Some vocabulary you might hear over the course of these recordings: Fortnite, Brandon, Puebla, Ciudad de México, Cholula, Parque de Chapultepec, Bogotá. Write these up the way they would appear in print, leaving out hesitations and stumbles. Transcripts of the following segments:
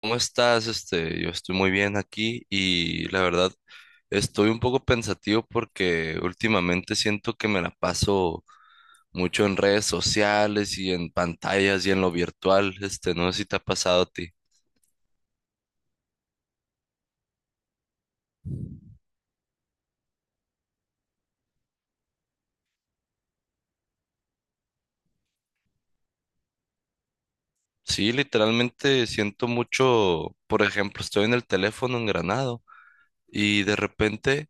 ¿Cómo estás? Yo estoy muy bien aquí y la verdad estoy un poco pensativo porque últimamente siento que me la paso mucho en redes sociales y en pantallas y en lo virtual. No sé si te ha pasado a ti. Sí, literalmente siento mucho, por ejemplo, estoy en el teléfono engranado y de repente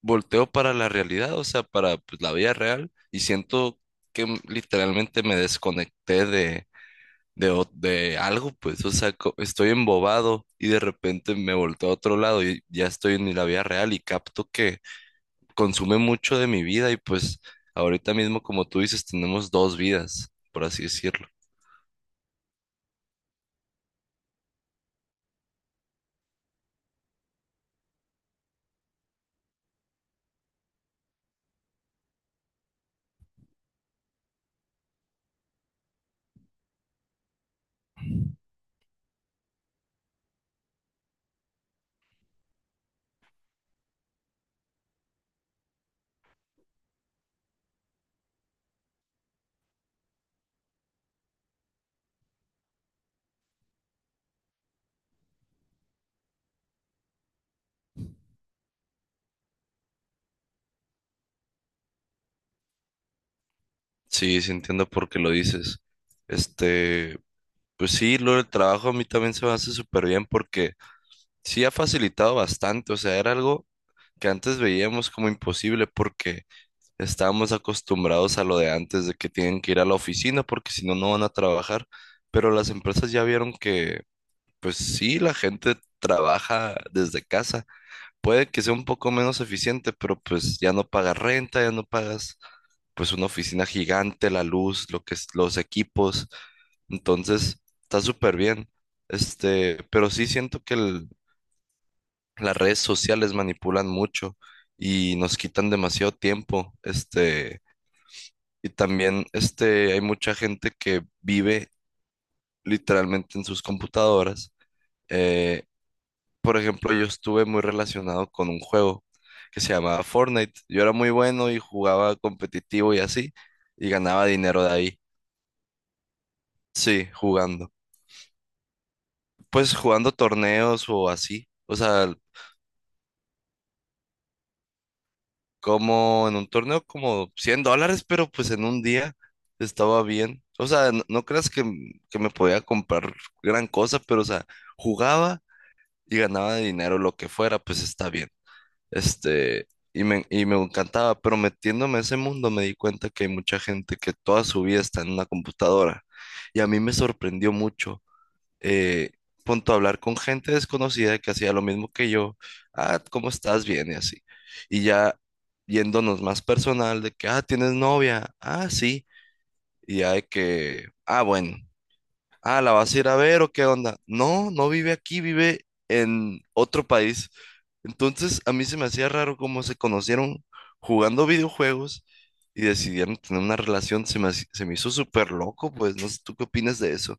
volteo para la realidad, o sea, para pues, la vida real y siento que literalmente me desconecté de algo, pues, o sea, estoy embobado y de repente me volteo a otro lado y ya estoy en la vida real y capto que consume mucho de mi vida y pues ahorita mismo, como tú dices, tenemos dos vidas, por así decirlo. Sí, sí entiendo por qué lo dices. Este, pues sí, lo del trabajo a mí también se me hace súper bien porque sí ha facilitado bastante, o sea, era algo que antes veíamos como imposible porque estábamos acostumbrados a lo de antes, de que tienen que ir a la oficina porque si no, no van a trabajar, pero las empresas ya vieron que, pues sí, la gente trabaja desde casa. Puede que sea un poco menos eficiente, pero pues ya no pagas renta, ya no pagas pues una oficina gigante, la luz, lo que es, los equipos. Entonces, está súper bien. Pero sí siento que las redes sociales manipulan mucho y nos quitan demasiado tiempo. Y también hay mucha gente que vive literalmente en sus computadoras. Eh, por ejemplo, yo estuve muy relacionado con un juego que se llamaba Fortnite. Yo era muy bueno y jugaba competitivo y así, y ganaba dinero de ahí. Sí, jugando. Pues jugando torneos o así. O sea, como en un torneo como $100, pero pues en un día estaba bien. O sea, no, no creas que, que me podía comprar gran cosa, pero o sea, jugaba y ganaba dinero, lo que fuera, pues está bien. Este, y me, y me encantaba, pero metiéndome a ese mundo me di cuenta que hay mucha gente que toda su vida está en una computadora. Y a mí me sorprendió mucho, eh, punto hablar con gente desconocida que hacía lo mismo que yo. Ah, ¿cómo estás? Bien, y así. Y ya yéndonos más personal, de que, ah, ¿tienes novia? Ah, sí. Y ya de que, ah, bueno. Ah, ¿la vas a ir a ver o qué onda? No, no vive aquí, vive en otro país. Entonces, a mí se me hacía raro cómo se conocieron jugando videojuegos y decidieron tener una relación. Se me hizo súper loco, pues no sé, ¿tú qué opinas de eso?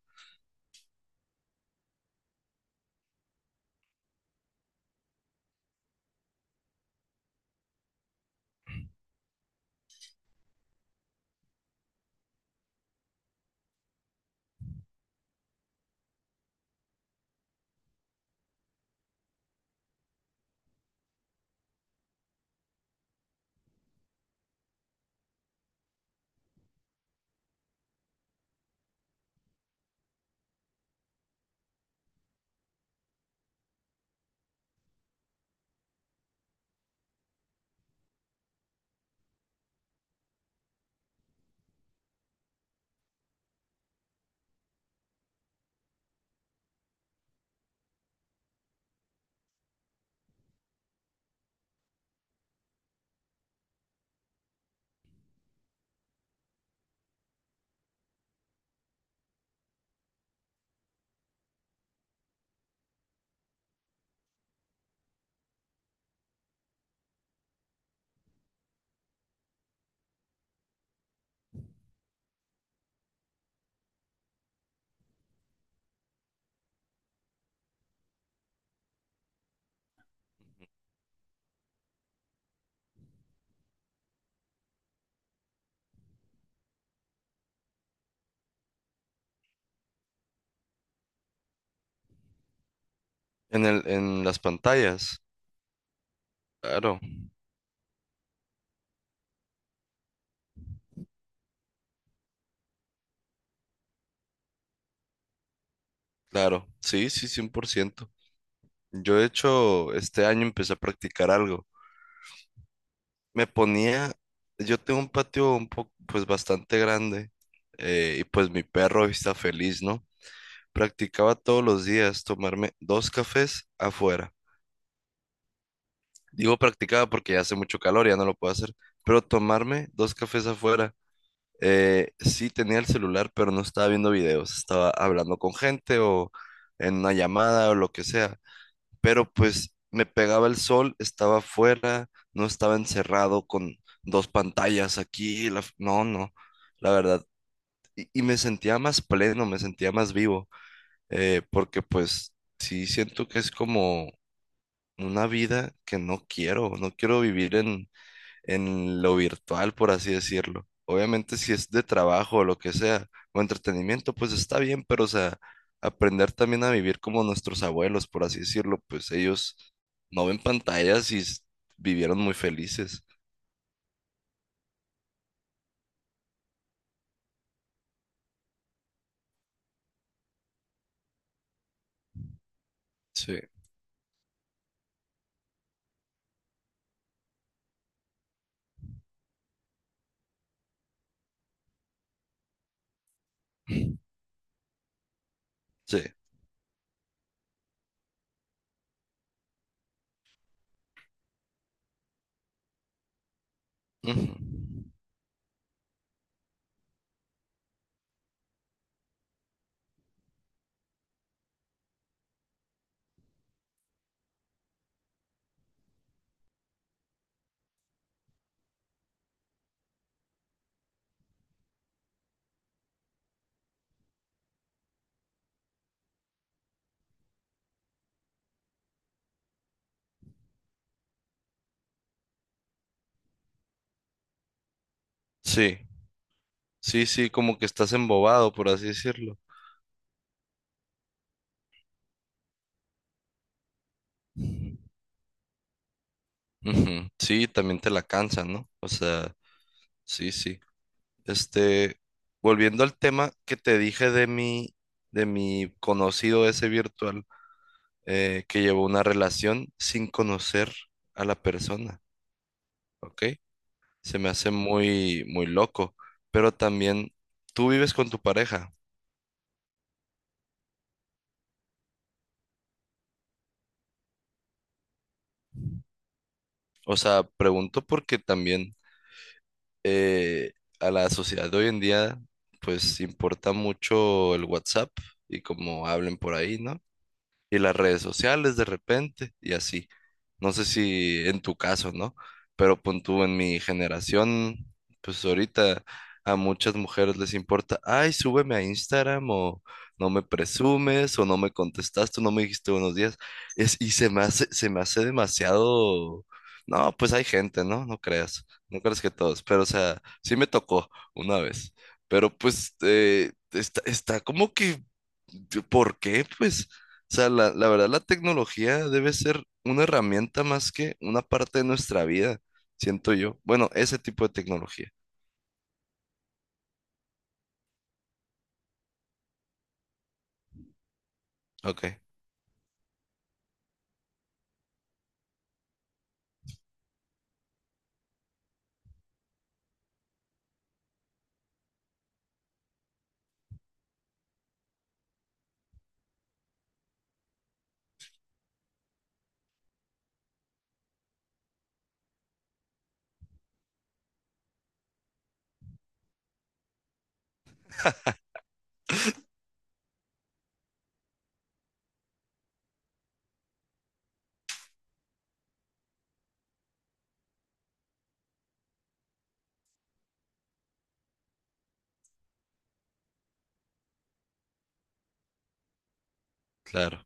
En las pantallas. Claro, claro. Sí, sí, 100%. Yo, de hecho, este año empecé a practicar algo. Me ponía, yo tengo un patio pues bastante grande, y pues mi perro está feliz, ¿no? Practicaba todos los días tomarme dos cafés afuera. Digo practicaba porque ya hace mucho calor, ya no lo puedo hacer. Pero tomarme dos cafés afuera, sí tenía el celular, pero no estaba viendo videos, estaba hablando con gente o en una llamada o lo que sea. Pero pues me pegaba el sol, estaba afuera, no estaba encerrado con dos pantallas aquí. No, no, la verdad. Y me sentía más pleno, me sentía más vivo, porque pues sí siento que es como una vida que no quiero vivir en lo virtual, por así decirlo. Obviamente si es de trabajo o lo que sea, o entretenimiento, pues está bien, pero o sea, aprender también a vivir como nuestros abuelos, por así decirlo, pues ellos no ven pantallas y vivieron muy felices. Sí. Sí. Ujú. Sí, sí, sí, como que estás embobado, por así decirlo. Ujú. Sí, también te la cansa, ¿no? O sea, sí, sí. Este, Volviendo al tema que te dije de mi conocido ese virtual, que llevó una relación sin conocer a la persona, ¿ok? Se me hace muy, muy loco, pero también tú vives con tu pareja. O sea, pregunto porque también eh, a la sociedad de hoy en día, pues importa mucho el WhatsApp y cómo hablen por ahí, ¿no?, y las redes sociales de repente y así. No sé si en tu caso, ¿no? Pero pon tú en mi generación, pues ahorita a muchas mujeres les importa, ay, súbeme a Instagram o no me presumes o no me contestaste, no me dijiste buenos días. Es, y se me hace demasiado... No, pues hay gente, ¿no? No creas, no creas que todos, pero o sea, sí me tocó una vez, pero pues está, está como que ¿por qué? Pues o sea, la verdad, la tecnología debe ser una herramienta más que una parte de nuestra vida, siento yo. Bueno, ese tipo de tecnología. Ok, claro.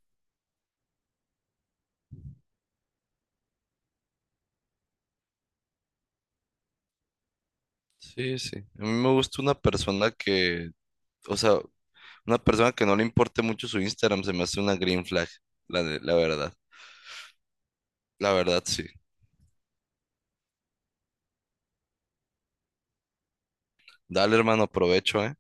Sí, sí. A mí me gusta una persona que, o sea, una persona que no le importe mucho su Instagram, se me hace una green flag, la verdad. La verdad, sí. Dale, hermano, provecho, ¿eh?